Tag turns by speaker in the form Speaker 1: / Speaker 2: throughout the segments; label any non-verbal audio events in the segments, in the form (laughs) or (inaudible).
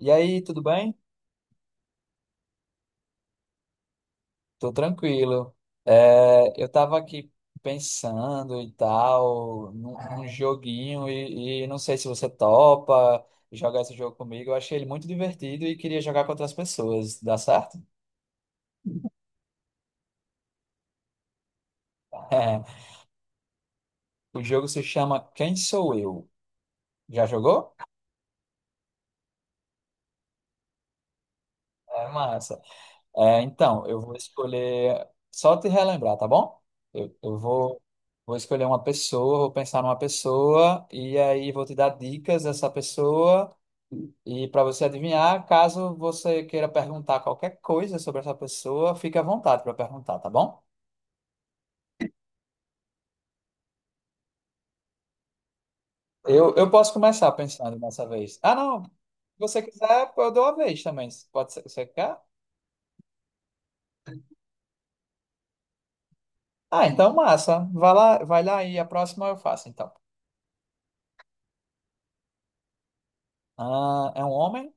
Speaker 1: E aí, tudo bem? Tô tranquilo. Eu tava aqui pensando e tal, num joguinho, e não sei se você topa jogar esse jogo comigo. Eu achei ele muito divertido e queria jogar com outras pessoas. Dá certo? (laughs) O jogo se chama Quem Sou Eu? Já jogou? É massa. É, então, eu vou escolher. Só te relembrar, tá bom? Eu vou, vou escolher uma pessoa, vou pensar numa pessoa, e aí vou te dar dicas dessa pessoa. E para você adivinhar, caso você queira perguntar qualquer coisa sobre essa pessoa, fique à vontade para perguntar, tá bom? Eu posso começar pensando dessa vez. Ah, não. Se você quiser, eu dou a vez também. Pode ser, você quer? Ah, então massa. Vai lá e a próxima eu faço, então. Ah, é um homem?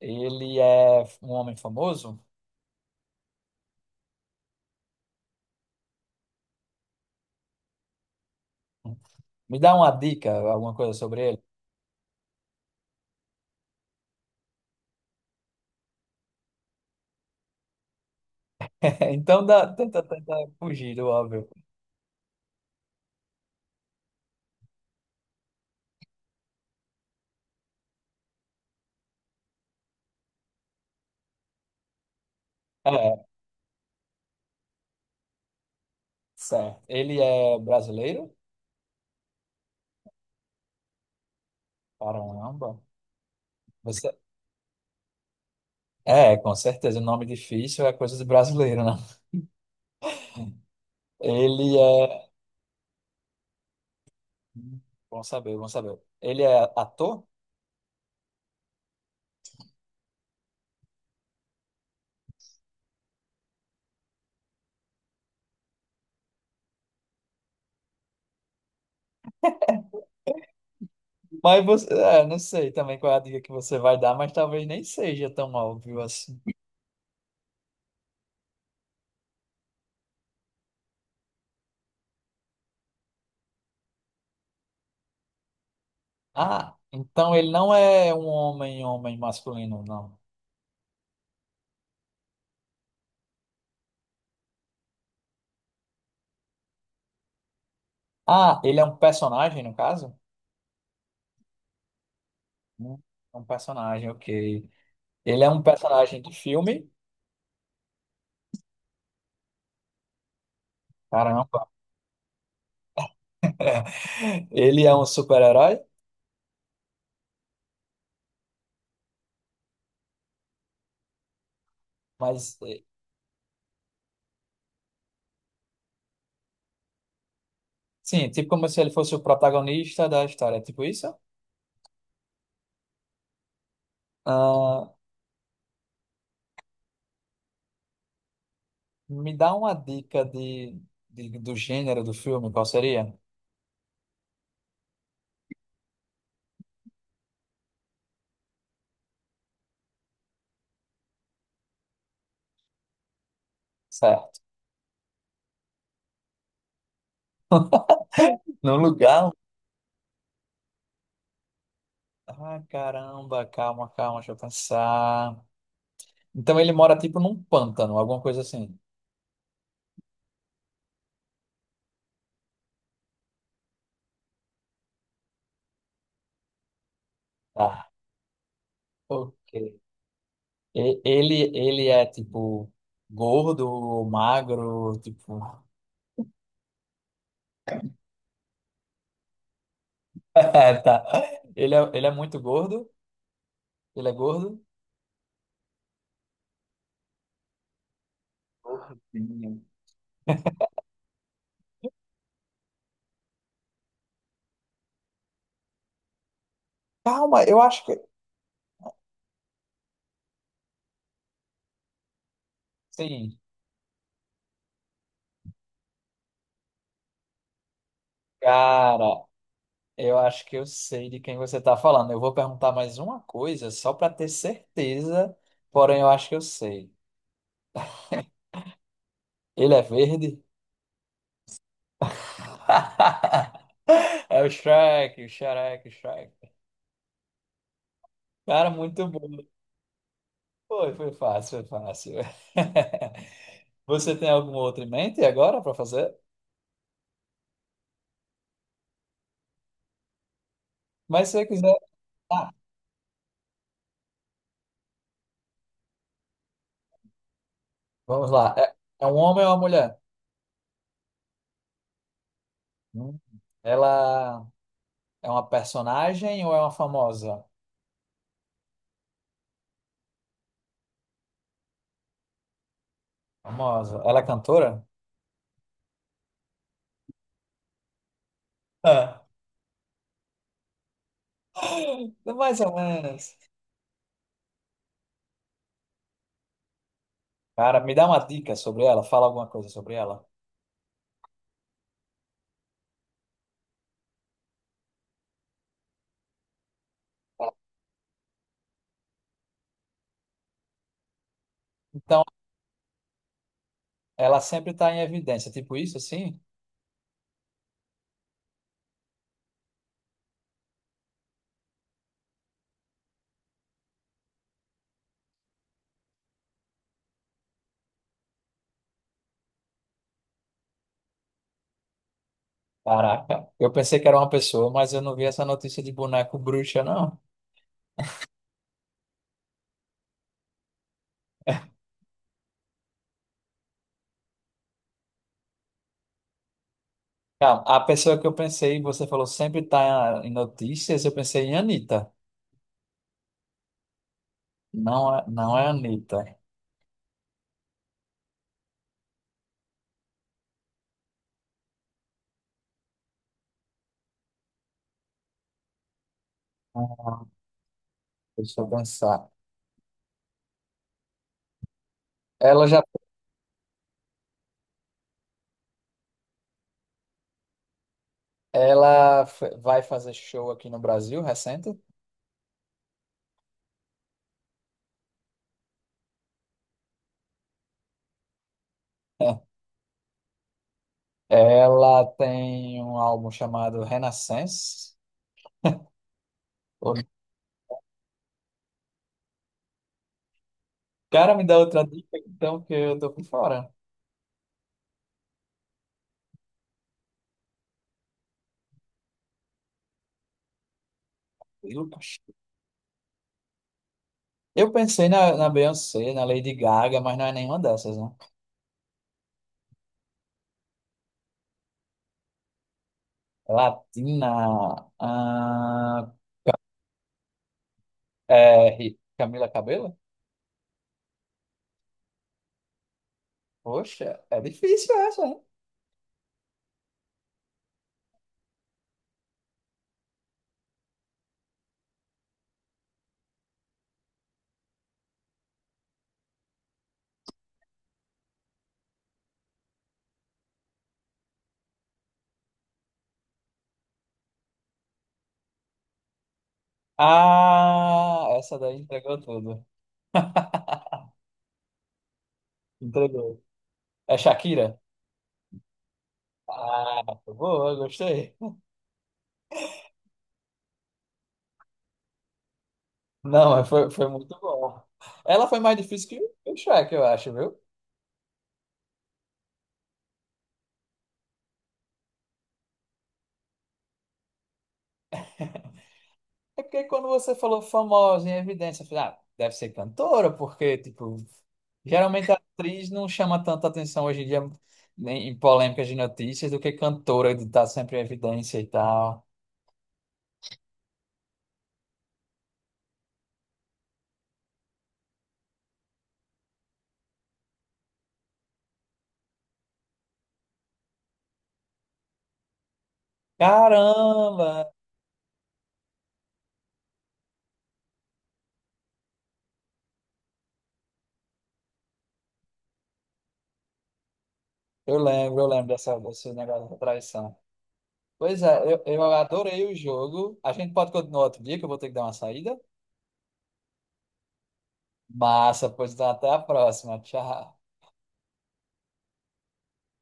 Speaker 1: Ele é um homem famoso? Me dá uma dica, alguma coisa sobre ele? (laughs) Então dá, tenta, tenta fugir do óbvio. É, certo. Ele é brasileiro? Caramba. Você... É, com certeza, o nome difícil é coisa de brasileiro, né? Ele é... Bom saber, bom saber. Ele é ator? Mas você... É, não sei também qual é a dica que você vai dar, mas talvez nem seja tão óbvio assim. Ah, então ele não é um homem, homem masculino, não. Ah, ele é um personagem, no caso? Hum, É um personagem, ok. Ele é um personagem de filme. Caramba. (laughs) Ele é um super-herói, mas sim, tipo como se ele fosse o protagonista da história, é tipo isso? Ah, me dá uma dica de- do gênero do filme, qual seria? Certo. No lugar. Ah, caramba, calma, calma, deixa eu pensar. Então ele mora tipo num pântano, alguma coisa assim. Tá. Ok. E- ele é tipo gordo, magro, tipo. (laughs) Tá. Ele é muito gordo. Ele é gordo. Gordinho. Calma, eu acho que. Sim, cara, eu acho que eu sei de quem você tá falando. Eu vou perguntar mais uma coisa só pra ter certeza, porém eu acho que eu sei. Ele é verde? (laughs) É o Shrek, o Shrek, o Shrek. Cara, muito bom. Foi, foi fácil, foi fácil. (laughs) Você tem alguma outra em mente agora para fazer? Mas se você quiser. Ah, vamos lá. É, é um homem ou uma mulher? Hum. Ela é uma personagem ou é uma famosa? Famosa. Ela é cantora? Ah. (gasps) Mais ou menos. Cara, me dá uma dica sobre ela, fala alguma coisa sobre ela. Então, ela sempre está em evidência, tipo isso assim? Caraca, eu pensei que era uma pessoa, mas eu não vi essa notícia de boneco bruxa, não. Não, a pessoa que eu pensei, você falou sempre tá em notícias, eu pensei em Anitta. Não é, não é Anitta. Ah, deixa eu pensar. Ela já, ela f- vai fazer show aqui no Brasil, recente? (laughs) Ela tem um álbum chamado Renaissance. O cara me dá outra dica, então, que eu tô por fora. Lucas. Eu pensei na, na Beyoncé, na Lady Gaga, mas não é nenhuma dessas, né? Latina, ah, é, Camila Cabello? Poxa, é difícil essa, hein? Ah, essa daí entregou tudo. (laughs) Entregou. É Shakira? Ah, boa, gostei. Não, mas foi, foi muito bom. Ela foi mais difícil que o Shrek, eu acho, viu? É porque quando você falou famosa em evidência, eu falei, ah, deve ser cantora, porque, tipo, geralmente a atriz não chama tanta atenção hoje em dia em em polêmicas de notícias do que cantora de estar sempre em evidência e tal. Caramba! Eu lembro dessa, desse negócio da traição. Pois é, eu adorei o jogo. A gente pode continuar outro dia, que eu vou ter que dar uma saída. Massa, pois então, até a próxima. Tchau.